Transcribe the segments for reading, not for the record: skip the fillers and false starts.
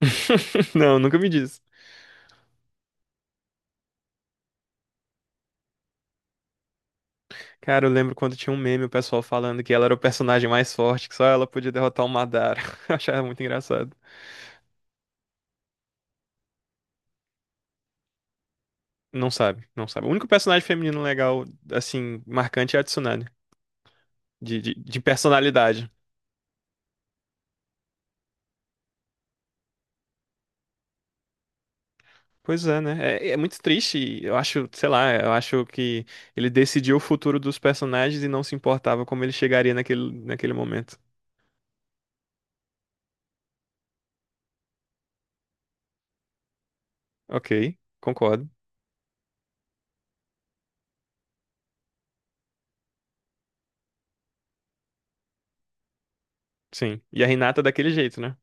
Não, nunca me disse. Cara, eu lembro quando tinha um meme, o pessoal falando que ela era o personagem mais forte, que só ela podia derrotar o Madara. Eu achava muito engraçado. Não sabe, não sabe. O único personagem feminino legal, assim, marcante é a Tsunade, de personalidade. Pois é, né? É muito triste. E eu acho, sei lá, eu acho que ele decidiu o futuro dos personagens e não se importava como ele chegaria naquele momento. Ok, concordo. Sim. E a Hinata daquele jeito, né?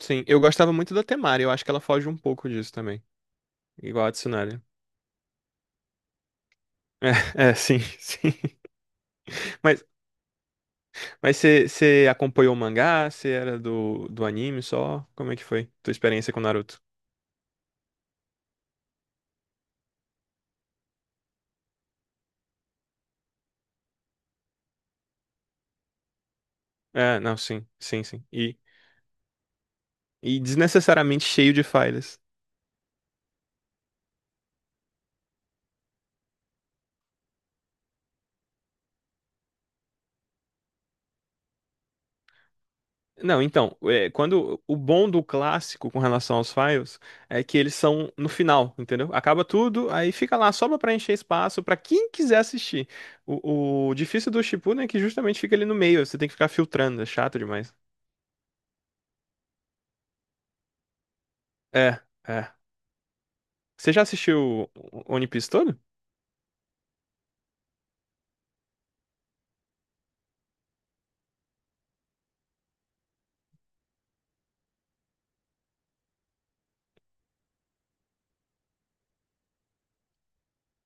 Sim, eu gostava muito da Temari, eu acho que ela foge um pouco disso também. Igual a Tsunade. É, é, sim, sim. Mas, mas você acompanhou o mangá? Você era do anime só? Como é que foi tua experiência com Naruto? É, não, sim, sim, sim. E desnecessariamente cheio de falhas. Não, então, é, quando o bom do clássico com relação aos files é que eles são no final, entendeu? Acaba tudo, aí fica lá só pra preencher espaço pra quem quiser assistir. O difícil do Shippuden é que justamente fica ali no meio, você tem que ficar filtrando, é chato demais. É, é. Você já assistiu o One Piece todo?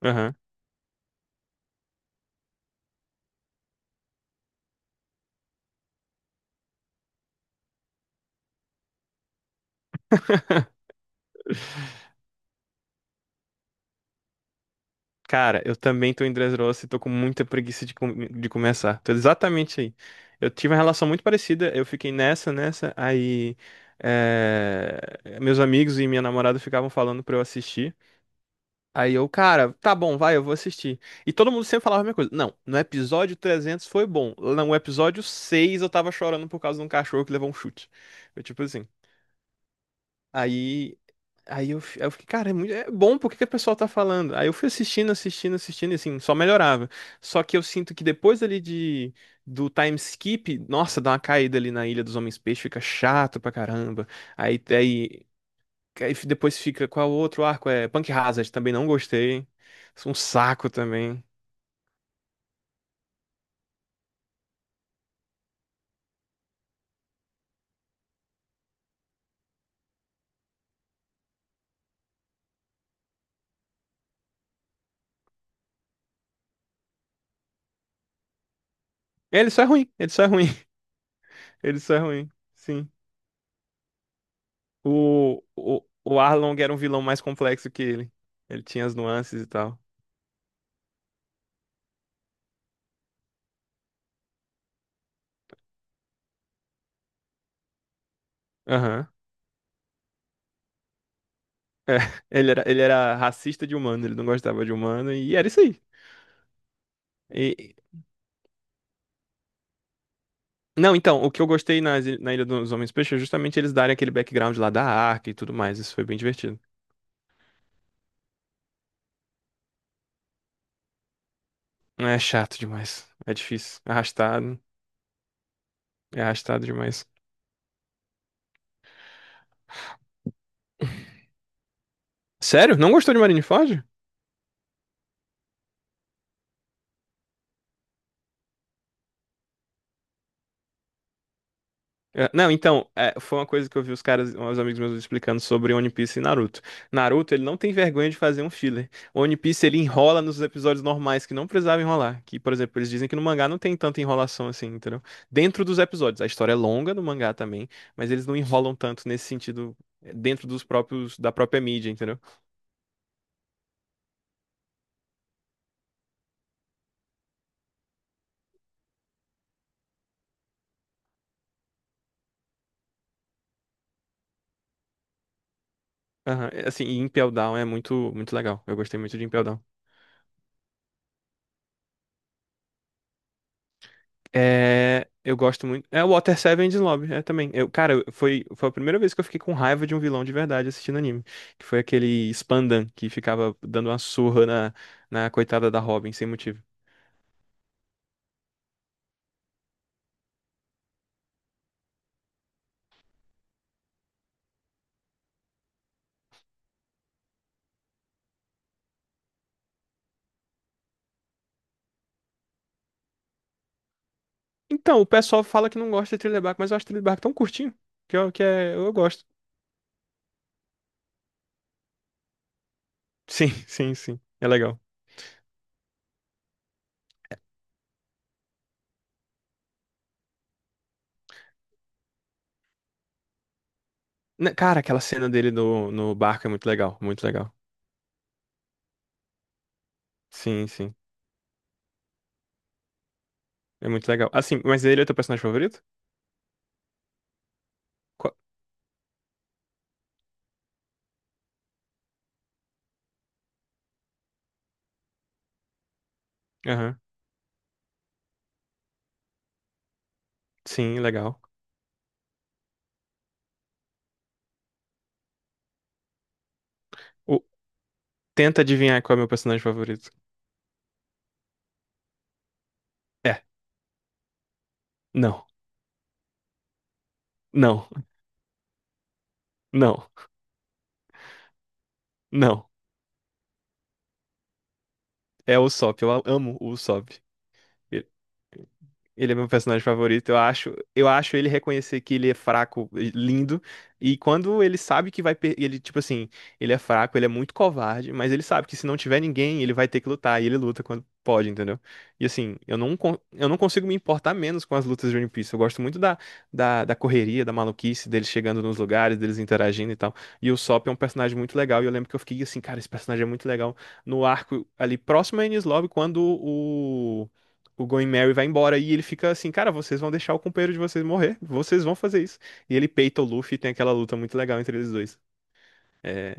Aham. Cara, eu também tô em Dressrosa e tô com muita preguiça de começar. Tô exatamente aí. Eu tive uma relação muito parecida, eu fiquei nessa, aí é, meus amigos e minha namorada ficavam falando pra eu assistir. Aí eu, cara, tá bom, vai, eu vou assistir. E todo mundo sempre falava a mesma coisa. Não, no episódio 300 foi bom. No episódio 6 eu tava chorando por causa de um cachorro que levou um chute. Eu, tipo assim, Aí, aí eu fiquei, cara, é muito, é bom, por que que o pessoal tá falando? Aí eu fui assistindo, assistindo, assistindo, e assim, só melhorava. Só que eu sinto que depois ali do time skip, nossa, dá uma caída ali na Ilha dos Homens Peixes, fica chato pra caramba. Aí, aí, aí depois fica, qual o outro arco? É Punk Hazard, também não gostei. Um saco também. Ele só é ruim, ele só é ruim, ele só é ruim, sim. O Arlong era um vilão mais complexo que ele. Ele tinha as nuances e tal. Aham. É, ele era racista de humano, ele não gostava de humano, e era isso aí. E- não, então, o que eu gostei nas na Ilha dos Homens Peixes é justamente eles darem aquele background lá da arca e tudo mais, isso foi bem divertido. É chato demais, é difícil, é arrastado demais. Sério? Não gostou de Marineford? É, não, então, é, foi uma coisa que eu vi os caras, os amigos meus explicando sobre One Piece e Naruto. Naruto, ele não tem vergonha de fazer um filler. One Piece, ele enrola nos episódios normais que não precisava enrolar. Que, por exemplo, eles dizem que no mangá não tem tanta enrolação assim, entendeu? Dentro dos episódios. A história é longa no mangá também, mas eles não enrolam tanto nesse sentido é, dentro dos próprios, da própria mídia, entendeu? Aham. É, assim, e Impel Down é muito, muito legal. Eu gostei muito de Impel Down. É, eu gosto muito. É o Water Seven de Lobby, é também. Eu, cara, foi a primeira vez que eu fiquei com raiva de um vilão de verdade assistindo anime. Que foi aquele Spandan que ficava dando uma surra na coitada da Robin sem motivo. Então, o pessoal fala que não gosta de Thriller Bark, mas eu acho Thriller Bark tão curtinho que eu, que é, eu gosto. Sim, sim, sim. É legal. Cara, aquela cena dele no barco é muito legal, muito legal. Sim, sim. É muito legal. Assim, mas ele é teu personagem favorito? Qual- Aham. Sim, legal. O- Tenta adivinhar qual é o meu personagem favorito. É, não, não, não, não. É o Usopp, eu amo o Usopp. Ele é meu personagem favorito, eu acho. Eu acho ele reconhecer que ele é fraco, e lindo. E quando ele sabe que vai ele, tipo assim, ele é fraco, ele é muito covarde, mas ele sabe que se não tiver ninguém, ele vai ter que lutar. E ele luta quando pode, entendeu? E assim, eu não consigo me importar menos com as lutas de One Piece. Eu gosto muito da correria, da maluquice, deles chegando nos lugares, deles interagindo e tal. E o Sop é um personagem muito legal. E eu lembro que eu fiquei assim, cara, esse personagem é muito legal. No arco ali próximo a Enies Lobby, quando o Going Mary vai embora e ele fica assim, cara, vocês vão deixar o companheiro de vocês morrer, vocês vão fazer isso. E ele peita o Luffy e tem aquela luta muito legal entre eles dois. É,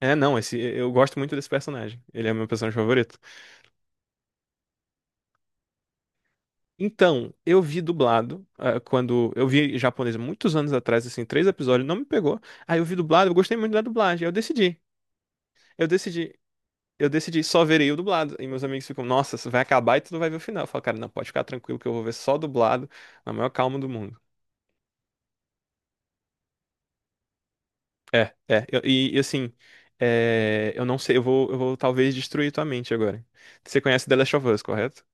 é não, esse eu gosto muito desse personagem. Ele é o meu personagem favorito. Então, eu vi dublado ah, quando eu vi em japonês muitos anos atrás, assim, três episódios, não me pegou. Aí eu vi dublado, eu gostei muito da dublagem. Aí eu decidi, eu decidi só verei o dublado. E meus amigos ficam, nossa, isso vai acabar e tu não vai ver o final. Eu falo, cara, não, pode ficar tranquilo que eu vou ver só dublado, na maior calma do mundo. É, é. E assim, é, eu não sei, eu vou talvez destruir tua mente agora. Você conhece The Last of Us, correto?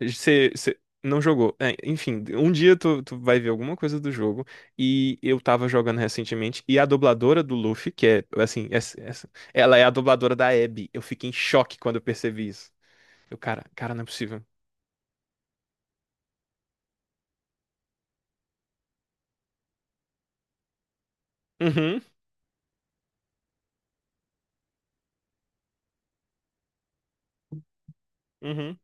Você não jogou. É, enfim, um dia tu vai ver alguma coisa do jogo. E eu tava jogando recentemente, e a dubladora do Luffy, que é, assim, ela é a dubladora da Abby. Eu fiquei em choque quando eu percebi isso. Eu, cara, cara, não é possível. Uhum, uhum.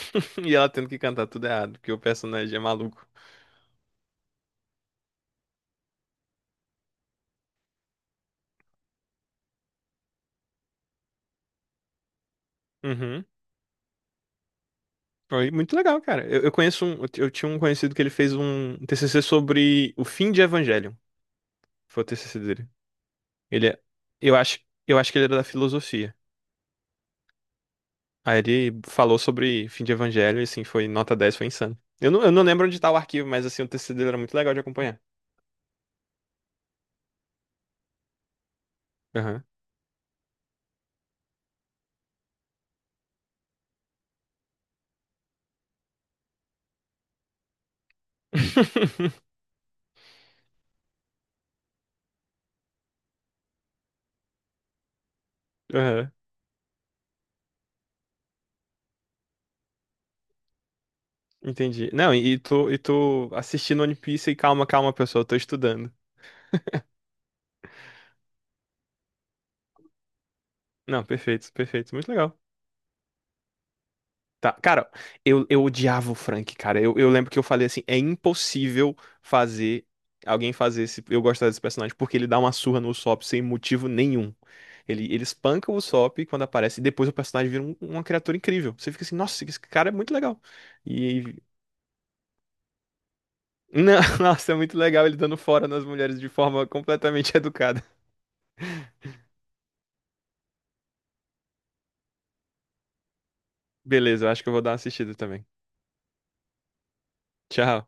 E ela tendo que cantar tudo errado, porque o personagem é maluco. Uhum. Foi muito legal, cara. Eu tinha um conhecido que ele fez um TCC sobre o fim de Evangelion. Foi o TCC dele. Ele, eu acho, eu acho que ele era da filosofia. Aí ele falou sobre fim de Evangelho e assim, foi nota 10 foi insano. Eu não lembro onde tá o arquivo, mas assim, o TCC dele era muito legal de acompanhar. Aham. Aham. Entendi. Não, e tu assistindo One Piece e calma, calma, pessoal, eu tô estudando. Não, perfeito, perfeito. Muito legal. Tá, cara, eu odiava o Frank, cara. Eu lembro que eu falei assim, é impossível fazer alguém fazer esse, eu gostar desse personagem, porque ele dá uma surra no Usopp sem motivo nenhum. Ele espanca o Usopp quando aparece, e depois o personagem vira uma criatura incrível. Você fica assim, nossa, esse cara é muito legal. E, não, nossa, é muito legal ele dando fora nas mulheres de forma completamente educada. Beleza, eu acho que eu vou dar uma assistida também. Tchau.